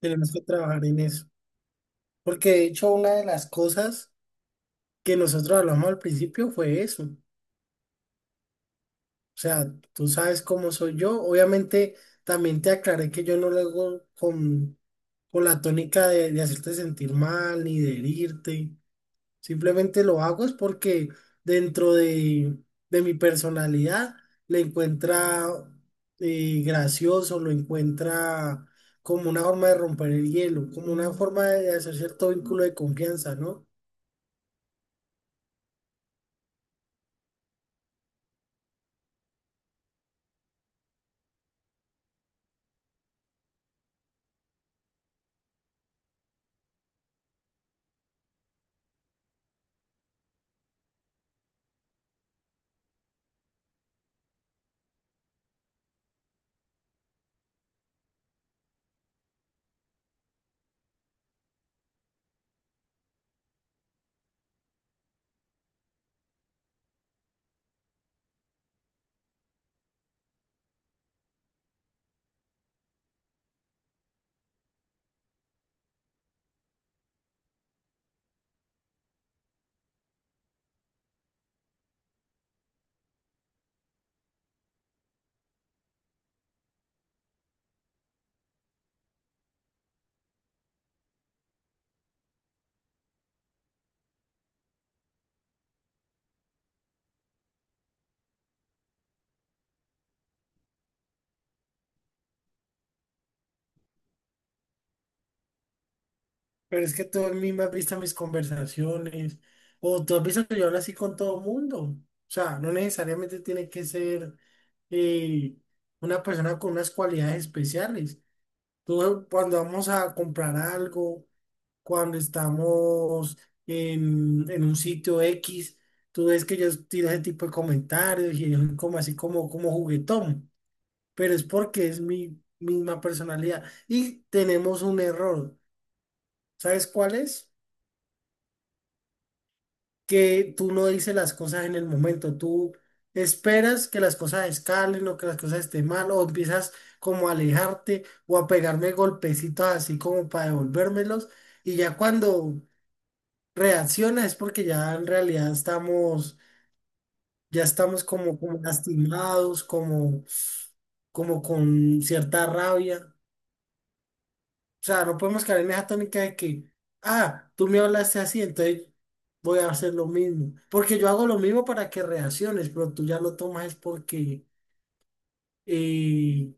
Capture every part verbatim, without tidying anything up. Tenemos que trabajar en eso. Porque de hecho una de las cosas que nosotros hablamos al principio fue eso. O sea, tú sabes cómo soy yo. Obviamente también te aclaré que yo no lo hago con, con la tónica de, de hacerte sentir mal ni de herirte. Simplemente lo hago es porque dentro de, de mi personalidad le encuentra eh, gracioso, lo encuentra como una forma de romper el hielo, como una forma de hacer cierto vínculo de confianza, ¿no? Pero es que tú a mí me has visto mis conversaciones, o tú has visto que yo hablo así con todo mundo. O sea, no necesariamente tiene que ser eh, una persona con unas cualidades especiales. Tú, cuando vamos a comprar algo, cuando estamos en, en un sitio X, tú ves que yo tiro ese tipo de comentarios y yo soy como así como, como juguetón, pero es porque es mi misma personalidad. Y tenemos un error. ¿Sabes cuál es? Que tú no dices las cosas en el momento, tú esperas que las cosas escalen o que las cosas estén mal o empiezas como a alejarte o a pegarme golpecitos así como para devolvérmelos y ya cuando reacciona es porque ya en realidad estamos, ya estamos como, como lastimados, como, como con cierta rabia. O sea, no podemos caer en esa tónica de que, ah, tú me hablaste así, entonces voy a hacer lo mismo. Porque yo hago lo mismo para que reacciones, pero tú ya lo tomas es porque, eh,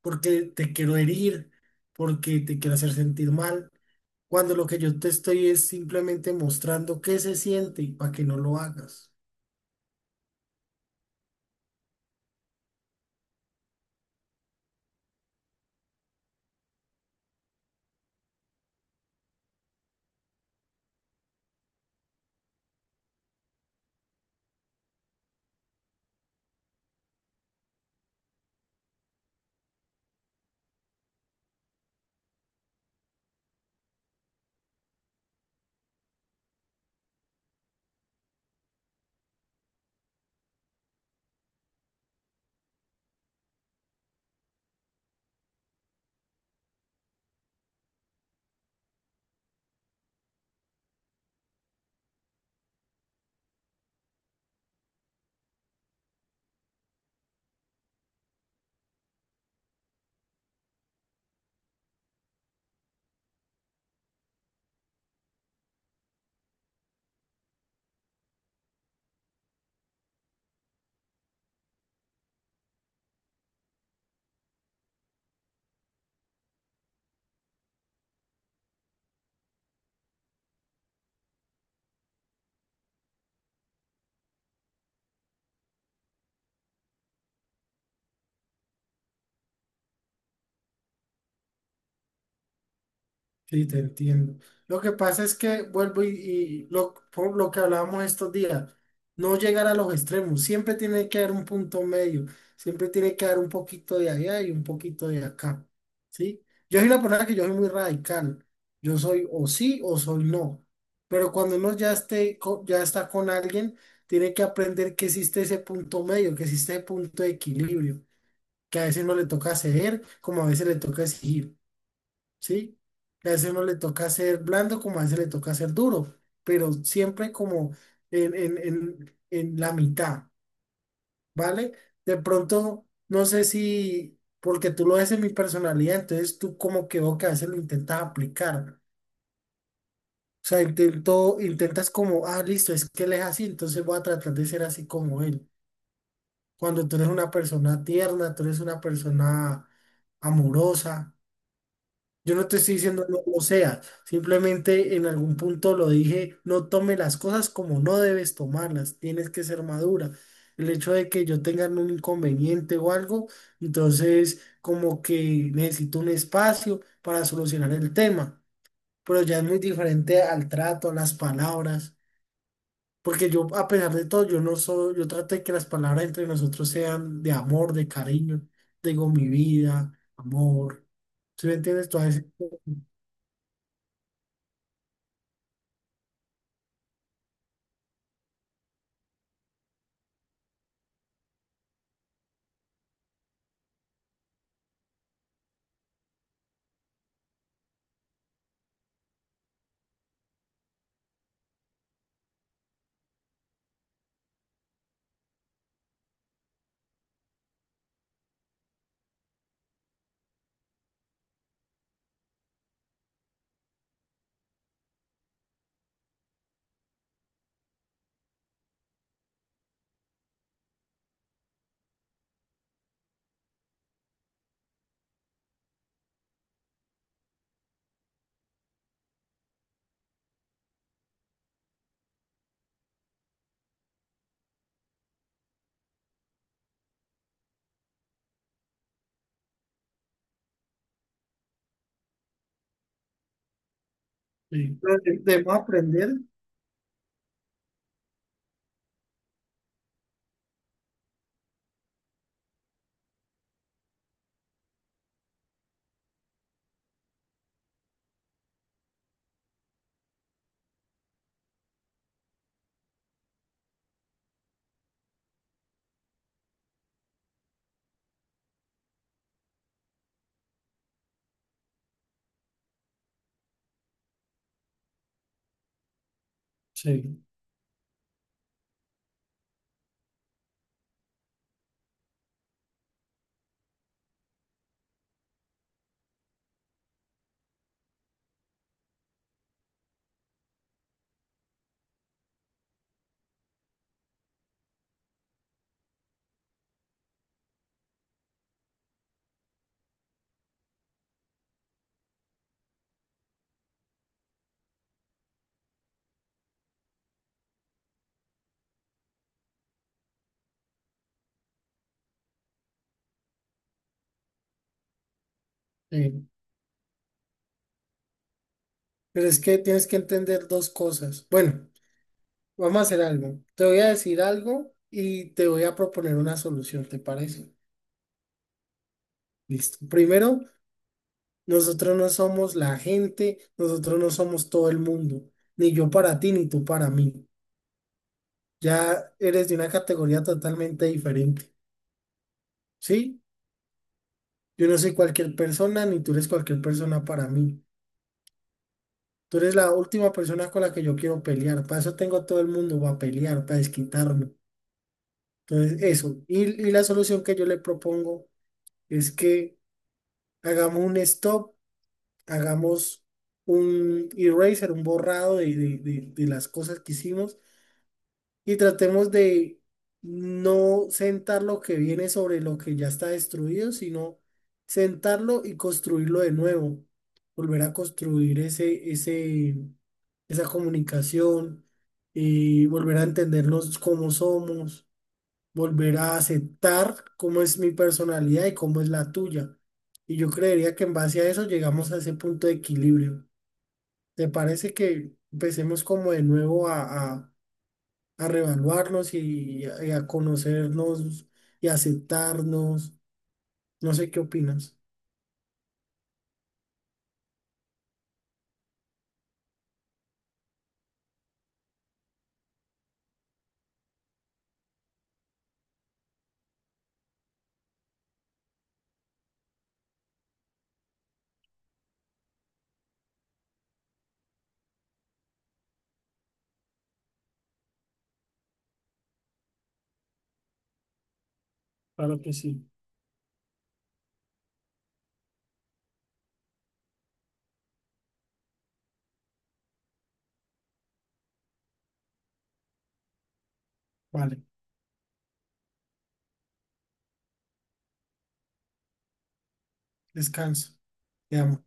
porque te quiero herir, porque te quiero hacer sentir mal, cuando lo que yo te estoy es simplemente mostrando qué se siente y para que no lo hagas. Sí, te entiendo. Lo que pasa es que vuelvo y, y lo, por lo que hablábamos estos días, no llegar a los extremos, siempre tiene que haber un punto medio, siempre tiene que haber un poquito de allá y un poquito de acá, ¿sí? Yo soy una persona que yo soy muy radical, yo soy o sí o soy no, pero cuando uno ya esté, co- ya está con alguien, tiene que aprender que existe ese punto medio, que existe ese punto de equilibrio, que a veces no le toca ceder, como a veces le toca exigir. ¿Sí? A ese no le toca ser blando como a ese le toca ser duro, pero siempre como en, en, en, en la mitad, ¿vale? De pronto, no sé si, porque tú lo ves en mi personalidad, entonces tú como que veo que a veces lo intentas aplicar. O sea, intento, intentas como, ah, listo, es que él es así, entonces voy a tratar de ser así como él. Cuando tú eres una persona tierna, tú eres una persona amorosa, yo no te estoy diciendo no lo sea, simplemente en algún punto lo dije, no tome las cosas como no debes tomarlas, tienes que ser madura. El hecho de que yo tenga un inconveniente o algo, entonces como que necesito un espacio para solucionar el tema, pero ya es muy diferente al trato, a las palabras, porque yo a pesar de todo, yo no soy, yo trato de que las palabras entre nosotros sean de amor, de cariño, digo mi vida, amor, ¿sí me entiendes? Todas esas cosas. Sí, De- Debemos aprender, sí, sí. Pero es que tienes que entender dos cosas. Bueno, vamos a hacer algo. Te voy a decir algo y te voy a proponer una solución, ¿te parece? Listo. Primero, nosotros no somos la gente, nosotros no somos todo el mundo, ni yo para ti, ni tú para mí. Ya eres de una categoría totalmente diferente, ¿sí? Yo no soy cualquier persona, ni tú eres cualquier persona para mí. Tú eres la última persona con la que yo quiero pelear. Para eso tengo a todo el mundo para pelear, para desquitarme. Entonces, eso. Y, y la solución que yo le propongo es que hagamos un stop, hagamos un eraser, un borrado de, de- de- de las cosas que hicimos y tratemos de no sentar lo que viene sobre lo que ya está destruido, sino sentarlo y construirlo de nuevo, volver a construir ese, ese, esa comunicación y volver a entendernos cómo somos, volver a aceptar cómo es mi personalidad y cómo es la tuya. Y yo creería que en base a eso llegamos a ese punto de equilibrio. ¿Te parece que empecemos como de nuevo a a a reevaluarnos y, a y a conocernos y aceptarnos? No sé qué opinas. Claro que sí. Vale, descansa. Te amo.